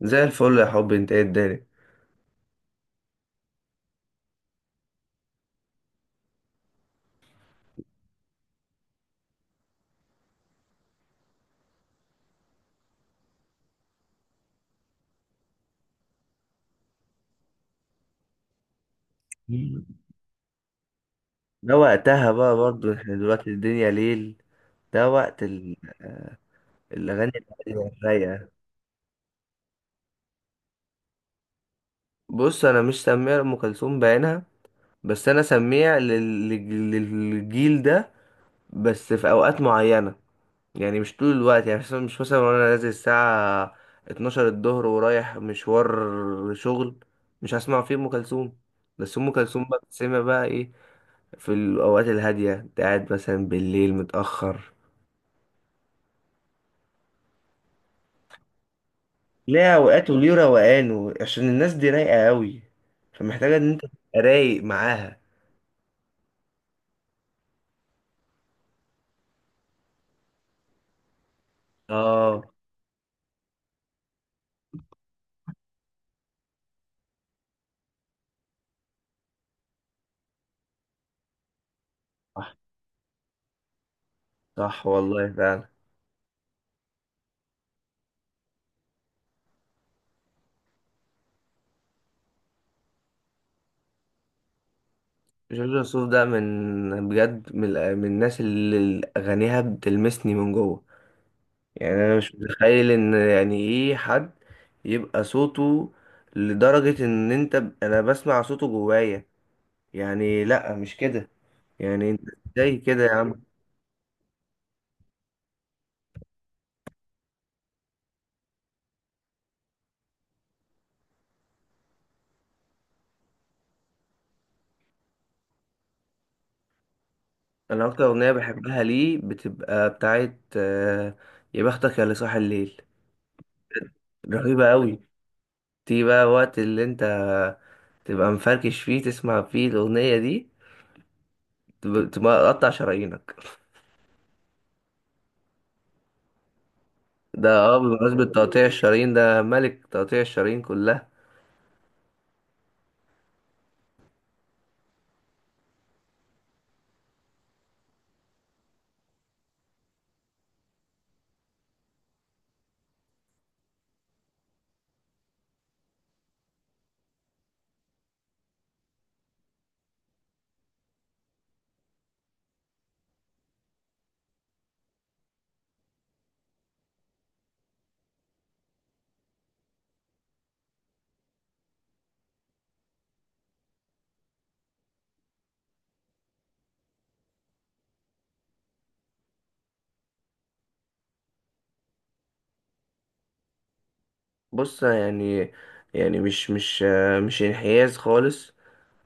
زي الفل يا حبي، انت ايه الدنيا. ده وقتها بقى برضو، احنا دلوقتي الدنيا ليل. ده وقت الاغاني الهادية الرايقة. بص، انا مش سميع ام كلثوم بعينها، بس انا سميع للجيل ده، بس في اوقات معينة. يعني مش طول الوقت، يعني مثلا- مش مثلا وانا نازل الساعة 12 الظهر ورايح مشوار شغل، مش هسمع فيه ام كلثوم. بس ام كلثوم بقى بتسمع بقى ايه؟ في الاوقات الهادية، انت قاعد مثلا بالليل متأخر. ليه اوقات وليه روقان عشان الناس دي رايقه قوي، فمحتاجه ان انت تبقى رايق معاها. اه. صح، صح والله فعلا. جورج وسوف ده من بجد من الناس اللي اغانيها بتلمسني من جوه. يعني انا مش متخيل ان يعني ايه حد يبقى صوته، لدرجه ان انا بسمع صوته جوايا. يعني لا مش كده، يعني انت ازاي كده يا عم. انا اكتر اغنيه بحبها ليه بتبقى بتاعت يا بختك يا اللي صاحي الليل. رهيبه قوي. تيجي بقى وقت اللي انت تبقى مفركش فيه، تسمع فيه الاغنيه دي، تبقى قطع شرايينك. ده اه بمناسبه تقطيع الشرايين، ده ملك تقطيع الشرايين كلها. بص يعني، يعني مش انحياز خالص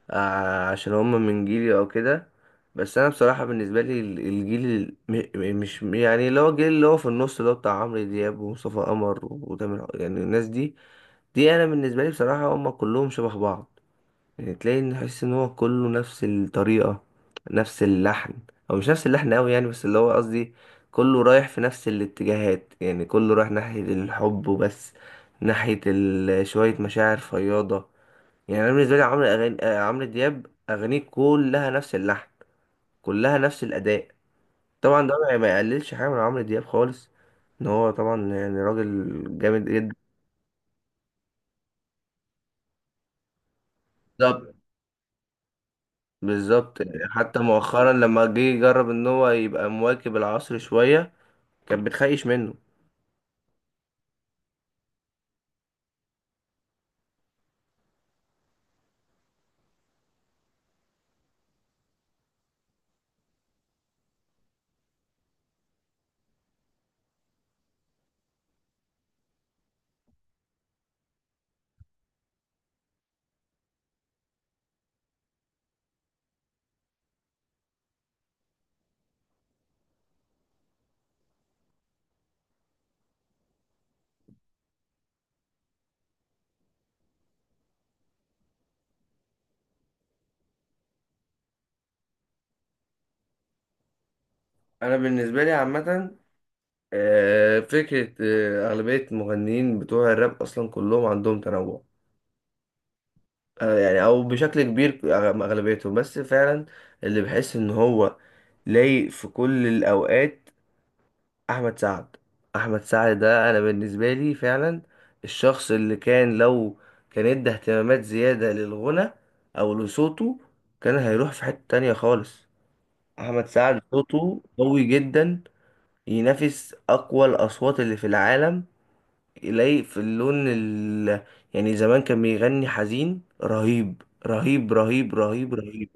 عشان هم من جيلي او كده. بس انا بصراحه بالنسبه لي ال- الجيل ال- م- م- مش يعني، اللي هو الجيل اللي هو في النص، اللي هو بتاع عمرو دياب ومصطفى قمر يعني الناس دي، دي انا بالنسبه لي بصراحه هم كلهم شبه بعض. يعني تلاقي، ان تحس ان هو كله نفس الطريقه، نفس اللحن، او مش نفس اللحن قوي يعني، بس اللي هو قصدي كله رايح في نفس الاتجاهات، يعني كله رايح ناحيه الحب وبس، ناحيه شويه مشاعر فياضه. يعني انا بالنسبه لي عمرو أغاني... آه، عمرو دياب اغانيه كلها نفس اللحن، كلها نفس الاداء. طبعا ده ما يقللش حاجه من عمرو دياب خالص، ان هو طبعا يعني راجل جامد جدا. بالظبط، بالظبط. حتى مؤخرا لما جه يجرب ان هو يبقى مواكب العصر شويه، كان بتخيش منه. انا بالنسبه لي عامه، فكره اغلبيه المغنيين بتوع الراب اصلا كلهم عندهم تنوع. يعني او بشكل كبير اغلبيتهم. بس فعلا اللي بحس ان هو لايق في كل الاوقات، احمد سعد. احمد سعد ده انا بالنسبه لي فعلا الشخص اللي كان لو كان ادى اهتمامات زياده للغنى او لصوته، كان هيروح في حته تانية خالص. احمد سعد صوته قوي جدا، ينافس اقوى الاصوات اللي في العالم. يلاقي في اللون يعني زمان كان بيغني حزين، رهيب رهيب رهيب رهيب رهيب.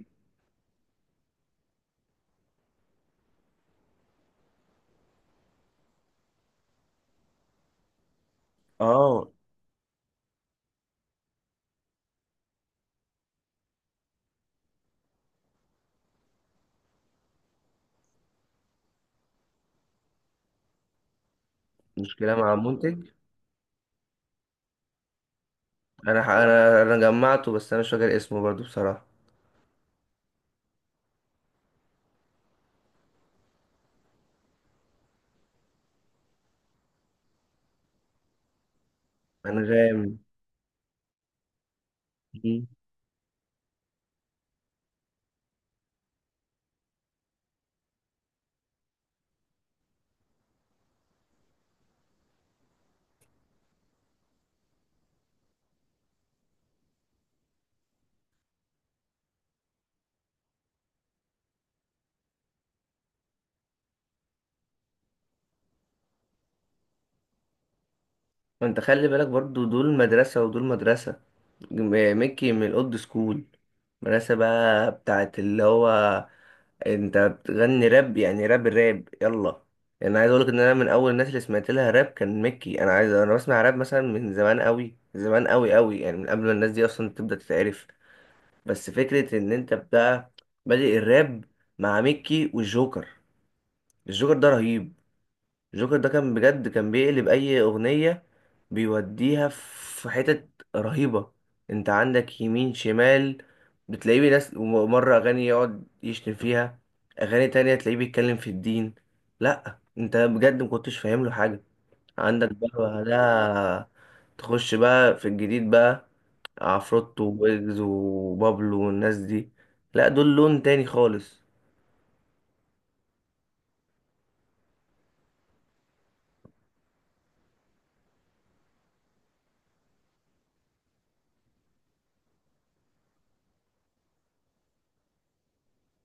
اه، مش كلام عن منتج. انا انا جمعته، بس انا مش فاكر اسمه برضو بصراحة. انغام. مم. انت خلي بالك برضو، دول مدرسة ودول مدرسة. ميكي من الاولد سكول، مدرسة بقى بتاعت اللي هو، انت بتغني راب يعني راب، الراب يلا. انا عايز اقولك ان انا من اول الناس اللي سمعت لها راب كان ميكي. انا عايز، انا بسمع راب مثلا من زمان قوي، زمان قوي قوي، يعني من قبل ما الناس دي اصلا تبدا تتعرف. بس فكره ان انت بقى بادئ الراب مع ميكي والجوكر. الجوكر ده رهيب. جوكر ده كان بجد كان بيقلب اي اغنية، بيوديها في حتت رهيبة. انت عندك يمين شمال، بتلاقيه ناس مرة اغاني يقعد يشتم فيها، اغاني تانية تلاقيه بيتكلم في الدين. لا انت بجد مكنتش فاهم له حاجة. عندك بقى بعدها، تخش بقى في الجديد بقى، عفروتو ويجز وبابلو والناس دي، لا دول لون تاني خالص.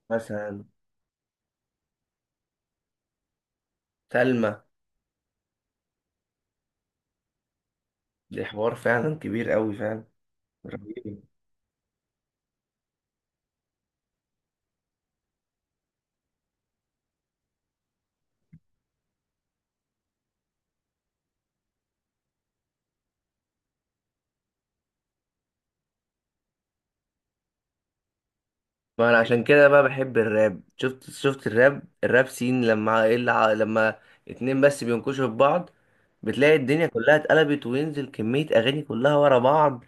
مثلا سلمى. دي حوار فعلا كبير قوي فعلا، رهيب. ما انا عشان كده بقى بحب الراب. شفت الراب سين، لما ايه اللي لما اتنين بس بينكشوا في بعض، بتلاقي الدنيا كلها اتقلبت، وينزل كمية اغاني كلها ورا بعض.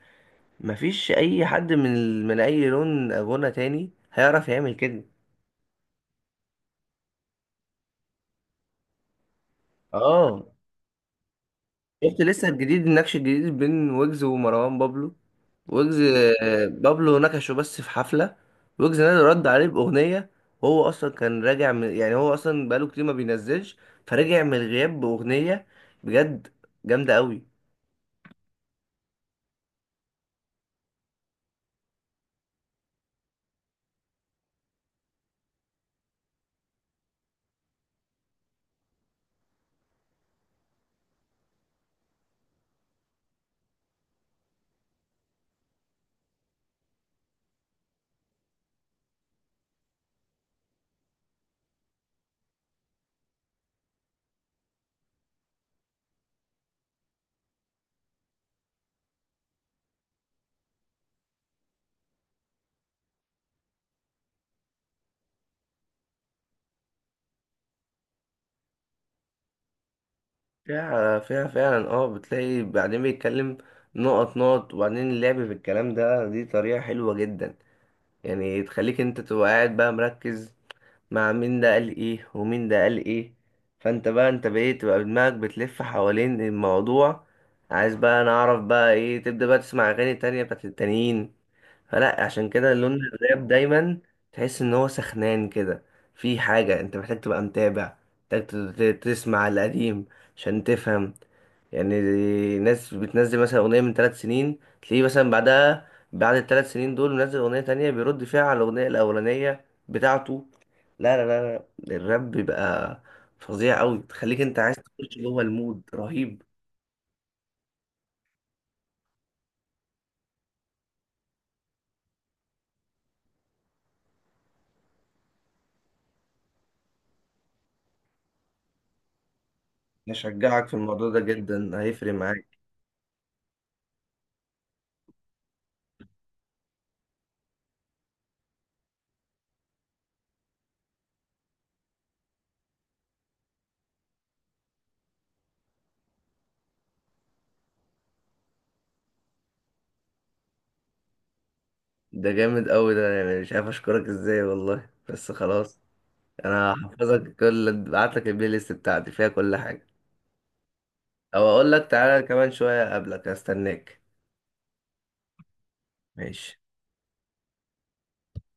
مفيش اي حد من اي لون غنى تاني هيعرف يعمل كده. اه، شفت لسه الجديد، النكش الجديد بين ويجز ومروان بابلو. ويجز، بابلو نكشه بس في حفلة، ويجز نادي رد عليه بأغنية. وهو أصلا كان راجع من، يعني هو أصلا بقاله كتير ما بينزلش، فرجع من الغياب بأغنية، بجد جامدة أوي. فيها فعلا. اه، بتلاقي بعدين بيتكلم نقط نقط، وبعدين اللعب في الكلام ده، دي طريقة حلوة جدا. يعني تخليك انت تبقى قاعد بقى مركز، مع مين ده قال ايه ومين ده قال ايه، فانت بقى انت بقيت تبقى دماغك بتلف حوالين الموضوع. عايز بقى انا اعرف بقى ايه، تبدأ بقى تسمع اغاني تانية بتاعت التانيين. فلا، عشان كده لون الراب دايما تحس ان هو سخنان كده. في حاجة انت محتاج تبقى متابع، محتاج تسمع القديم عشان تفهم. يعني ناس بتنزل مثلا أغنية من 3 سنين، تلاقيه مثلا بعدها بعد ال3 سنين دول منزل أغنية تانية بيرد فيها على الأغنية الأولانية بتاعته. لا لا لا لا، الراب بيبقى فظيع أوي، تخليك أنت عايز تخش جوه المود، رهيب. أشجعك في الموضوع ده جدا، هيفرق معاك. ده جامد أوي ده، يعني مش عارف أشكرك إزاي والله. بس خلاص، أنا هحفظك. كل بعتلك البلاي ليست بتاعتي فيها كل حاجة. أو أقول لك تعالى كمان شوية قبلك أستناك. ماشي.